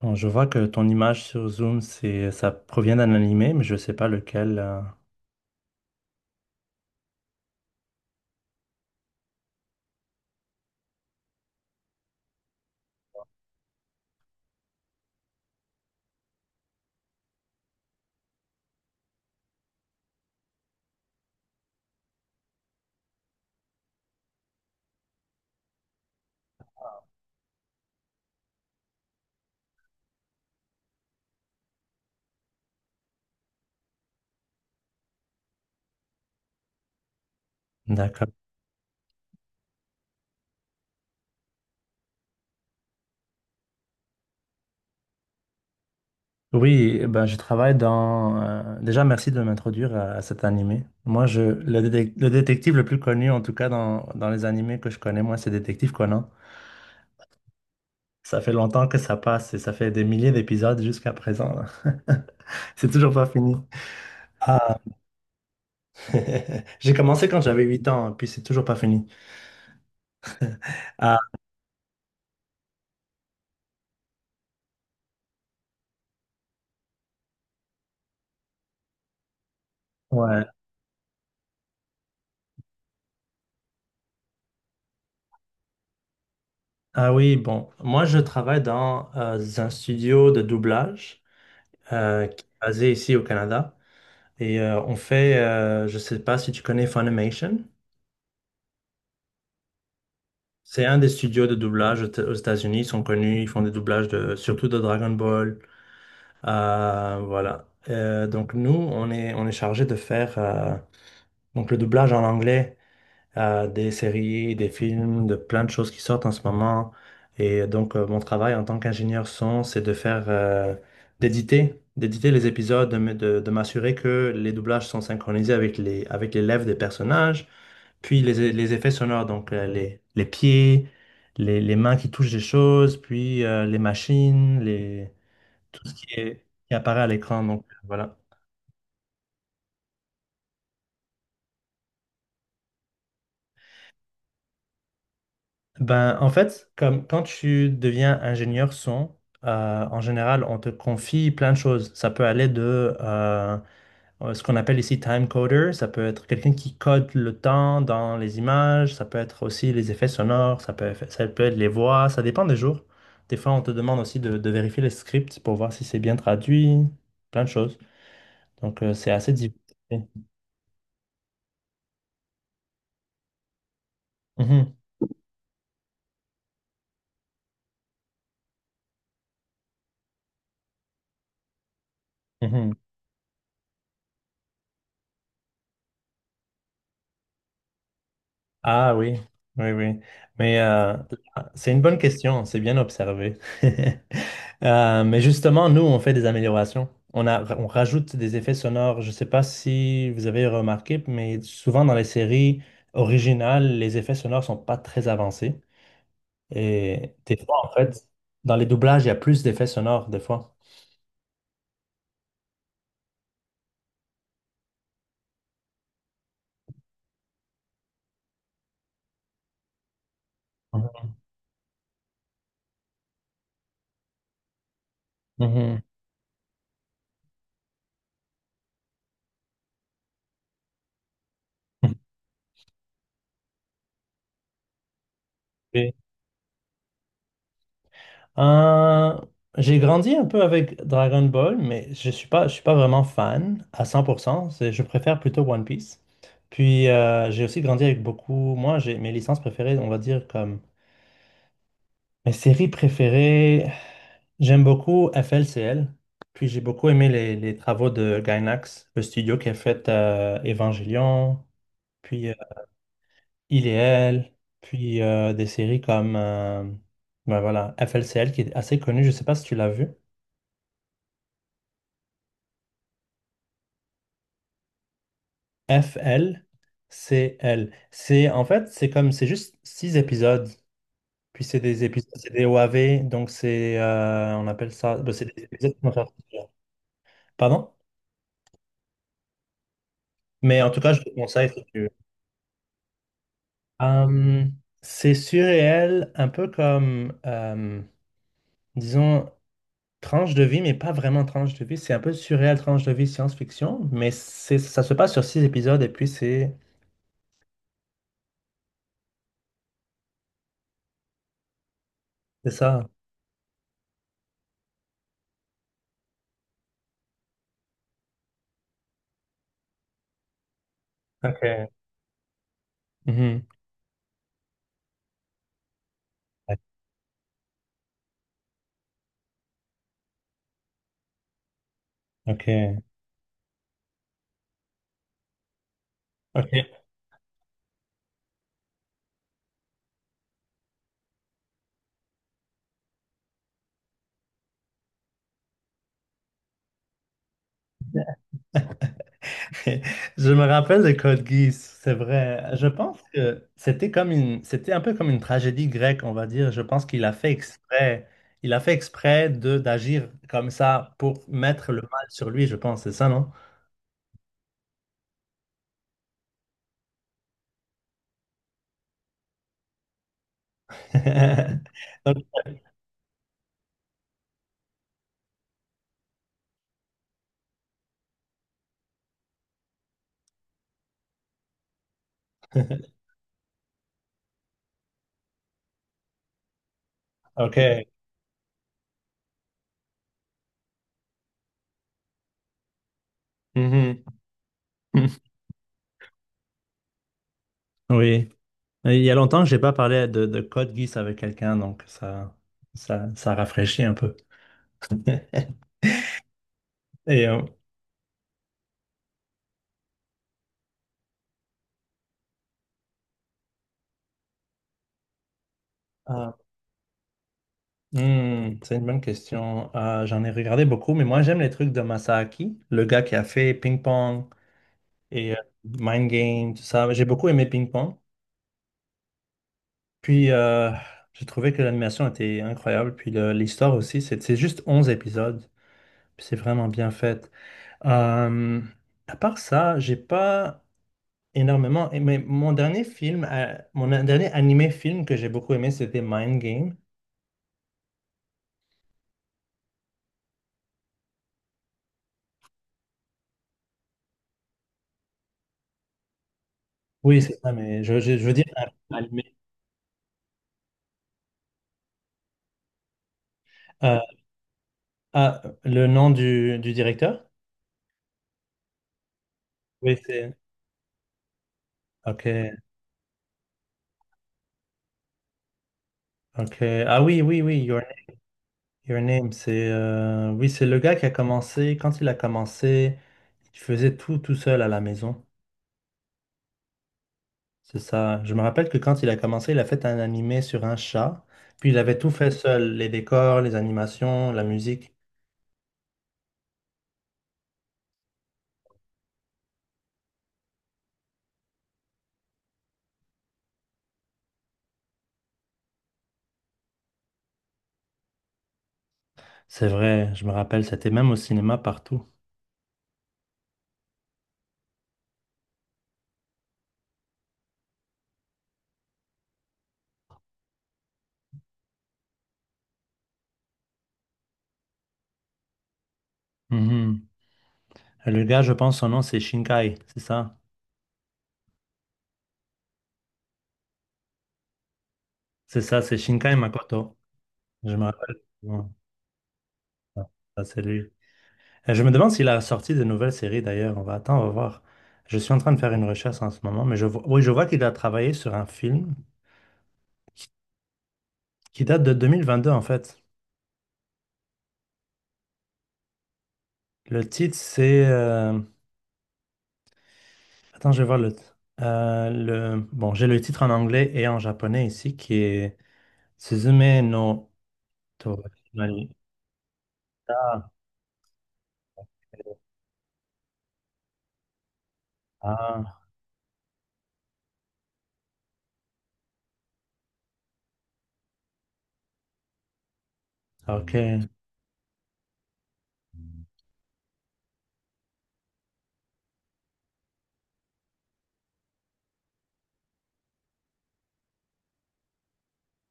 Bon, je vois que ton image sur Zoom, ça provient d'un animé, mais je ne sais pas lequel. D'accord. Oui, eh ben, je travaille dans... Déjà, merci de m'introduire à cet animé. Moi, je... le détective le plus connu, en tout cas dans les animés que je connais, moi, c'est Détective Conan. Ça fait longtemps que ça passe et ça fait des milliers d'épisodes jusqu'à présent. Là. C'est toujours pas fini. J'ai commencé quand j'avais 8 ans, puis c'est toujours pas fini. Ah, ouais. Ah oui, bon, moi je travaille dans un studio de doublage qui est basé ici au Canada et on fait, je sais pas si tu connais Funimation, c'est un des studios de doublage aux États-Unis, ils sont connus, ils font des doublages de, surtout de Dragon Ball, voilà. Donc nous, on est chargé de faire donc le doublage en anglais à des séries, des films, de plein de choses qui sortent en ce moment. Et donc, mon travail en tant qu'ingénieur son, c'est de faire, d'éditer les épisodes, de m'assurer que les doublages sont synchronisés avec avec les lèvres des personnages, puis les effets sonores, donc les pieds, les mains qui touchent des choses, puis les machines. Tout ce qui qui apparaît à l'écran. Donc, voilà. Ben, en fait, comme quand tu deviens ingénieur son, en général, on te confie plein de choses. Ça peut aller de ce qu'on appelle ici time coder. Ça peut être quelqu'un qui code le temps dans les images. Ça peut être aussi les effets sonores. Ça peut être les voix. Ça dépend des jours. Des fois, on te demande aussi de vérifier les scripts pour voir si c'est bien traduit. Plein de choses. Donc, c'est assez difficile. Mhm, mhm. Ah oui, oui, oui. Mais c'est une bonne question, c'est bien observé. Mais justement, nous, on fait des améliorations. On rajoute des effets sonores. Je ne sais pas si vous avez remarqué, mais souvent dans les séries originales, les effets sonores sont pas très avancés. Et des fois, en fait, dans les doublages, il y a plus d'effets sonores, des fois. Mhm. Mhm. Euh, j'ai grandi un peu avec Dragon Ball, mais je suis pas vraiment fan à 100%. C'est- Je préfère plutôt One Piece. Puis j'ai aussi grandi avec beaucoup. Moi, j'ai mes licences préférées, on va dire comme mes séries préférées. J'aime beaucoup F L C L. Puis j'ai beaucoup aimé les travaux de Gainax, le studio qui a fait Evangelion, puis Il et Elle, puis des séries comme ben voilà, F L C L qui est assez connu. Je sais pas si tu l'as vu. F-L-C-L. C'est, en fait, c'est comme, c'est juste six épisodes. Puis c'est des épisodes, c'est des OAV, donc c'est, on appelle ça, ben, c'est des épisodes qui vont faire plusieurs. Pardon? Mais en tout cas, je te conseille si tu veux. Euh, c'est surréel, un peu comme, disons, tranche de vie, mais pas vraiment tranche de vie. C'est un peu surréel, tranche de vie, science-fiction, mais c'est, ça se passe sur six épisodes et puis c'est ça. Ok. Mhm. Ouais, Ok. Ok. Je me rappelle de Code Geass, c'est vrai. Je pense que c'était un peu comme une tragédie grecque, on va dire. Je pense qu'il a fait exprès, il a fait exprès de d'agir comme ça pour mettre le mal sur lui, je pense, c'est ça, non? Donc, Ok. Mhm. Oui. Il y a longtemps que j'ai pas parlé de Code Geass avec quelqu'un, donc ça rafraîchit un peu. Et hmm, c'est une bonne question. J'en ai regardé beaucoup, mais moi j'aime les trucs de Masaaki, le gars qui a fait Ping Pong et Mind Game, tout ça. J'ai beaucoup aimé Ping Pong. Puis j'ai trouvé que l'animation était incroyable. Puis l'histoire aussi, c'est juste 11 épisodes. Puis c'est vraiment bien fait. Euh, à part ça, j'ai pas énormément aimé. Mon dernier film, mon dernier animé film que j'ai beaucoup aimé, c'était Mind Game. Oui, c'est ça, mais je veux dire animé. Euh, ah, le nom du directeur? Oui, c'est. Ok, ok. Ah oui, oui, oui, Your, Your Name, c'est. Euh, oui, c'est le gars qui a commencé. Quand il a commencé, il faisait tout tout seul à la maison. C'est ça. Je me rappelle que quand il a commencé, il a fait un animé sur un chat. Puis il avait tout fait seul, les décors, les animations, la musique. C'est vrai, je me rappelle, c'était même au cinéma partout. Mhm. Le gars, je pense, son nom, c'est Shinkai, c'est ça? C'est ça, c'est Shinkai Makoto. Je me rappelle. Bon, ça, c'est lui. Je me demande s'il a sorti de nouvelles séries d'ailleurs. On va attendre, on va voir. Je suis en train de faire une recherche en ce moment, mais je vois, oui, je vois qu'il a travaillé sur un film qui date de 2022 en fait. Le titre, c'est... attends, je vais voir le... euh, Bon, j'ai le titre en anglais et en japonais ici qui est Suzume no Toranari. Ah, ah, ok.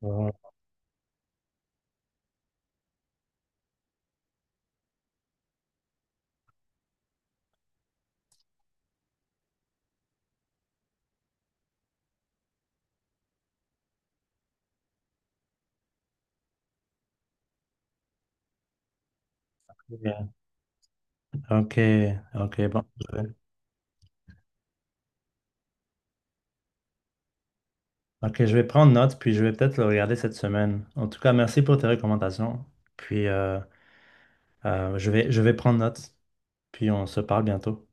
Ok, ok, ok, bon. Ok, je vais prendre note, puis je vais peut-être le regarder cette semaine. En tout cas, merci pour tes recommandations. Puis, je vais prendre note, puis on se parle bientôt.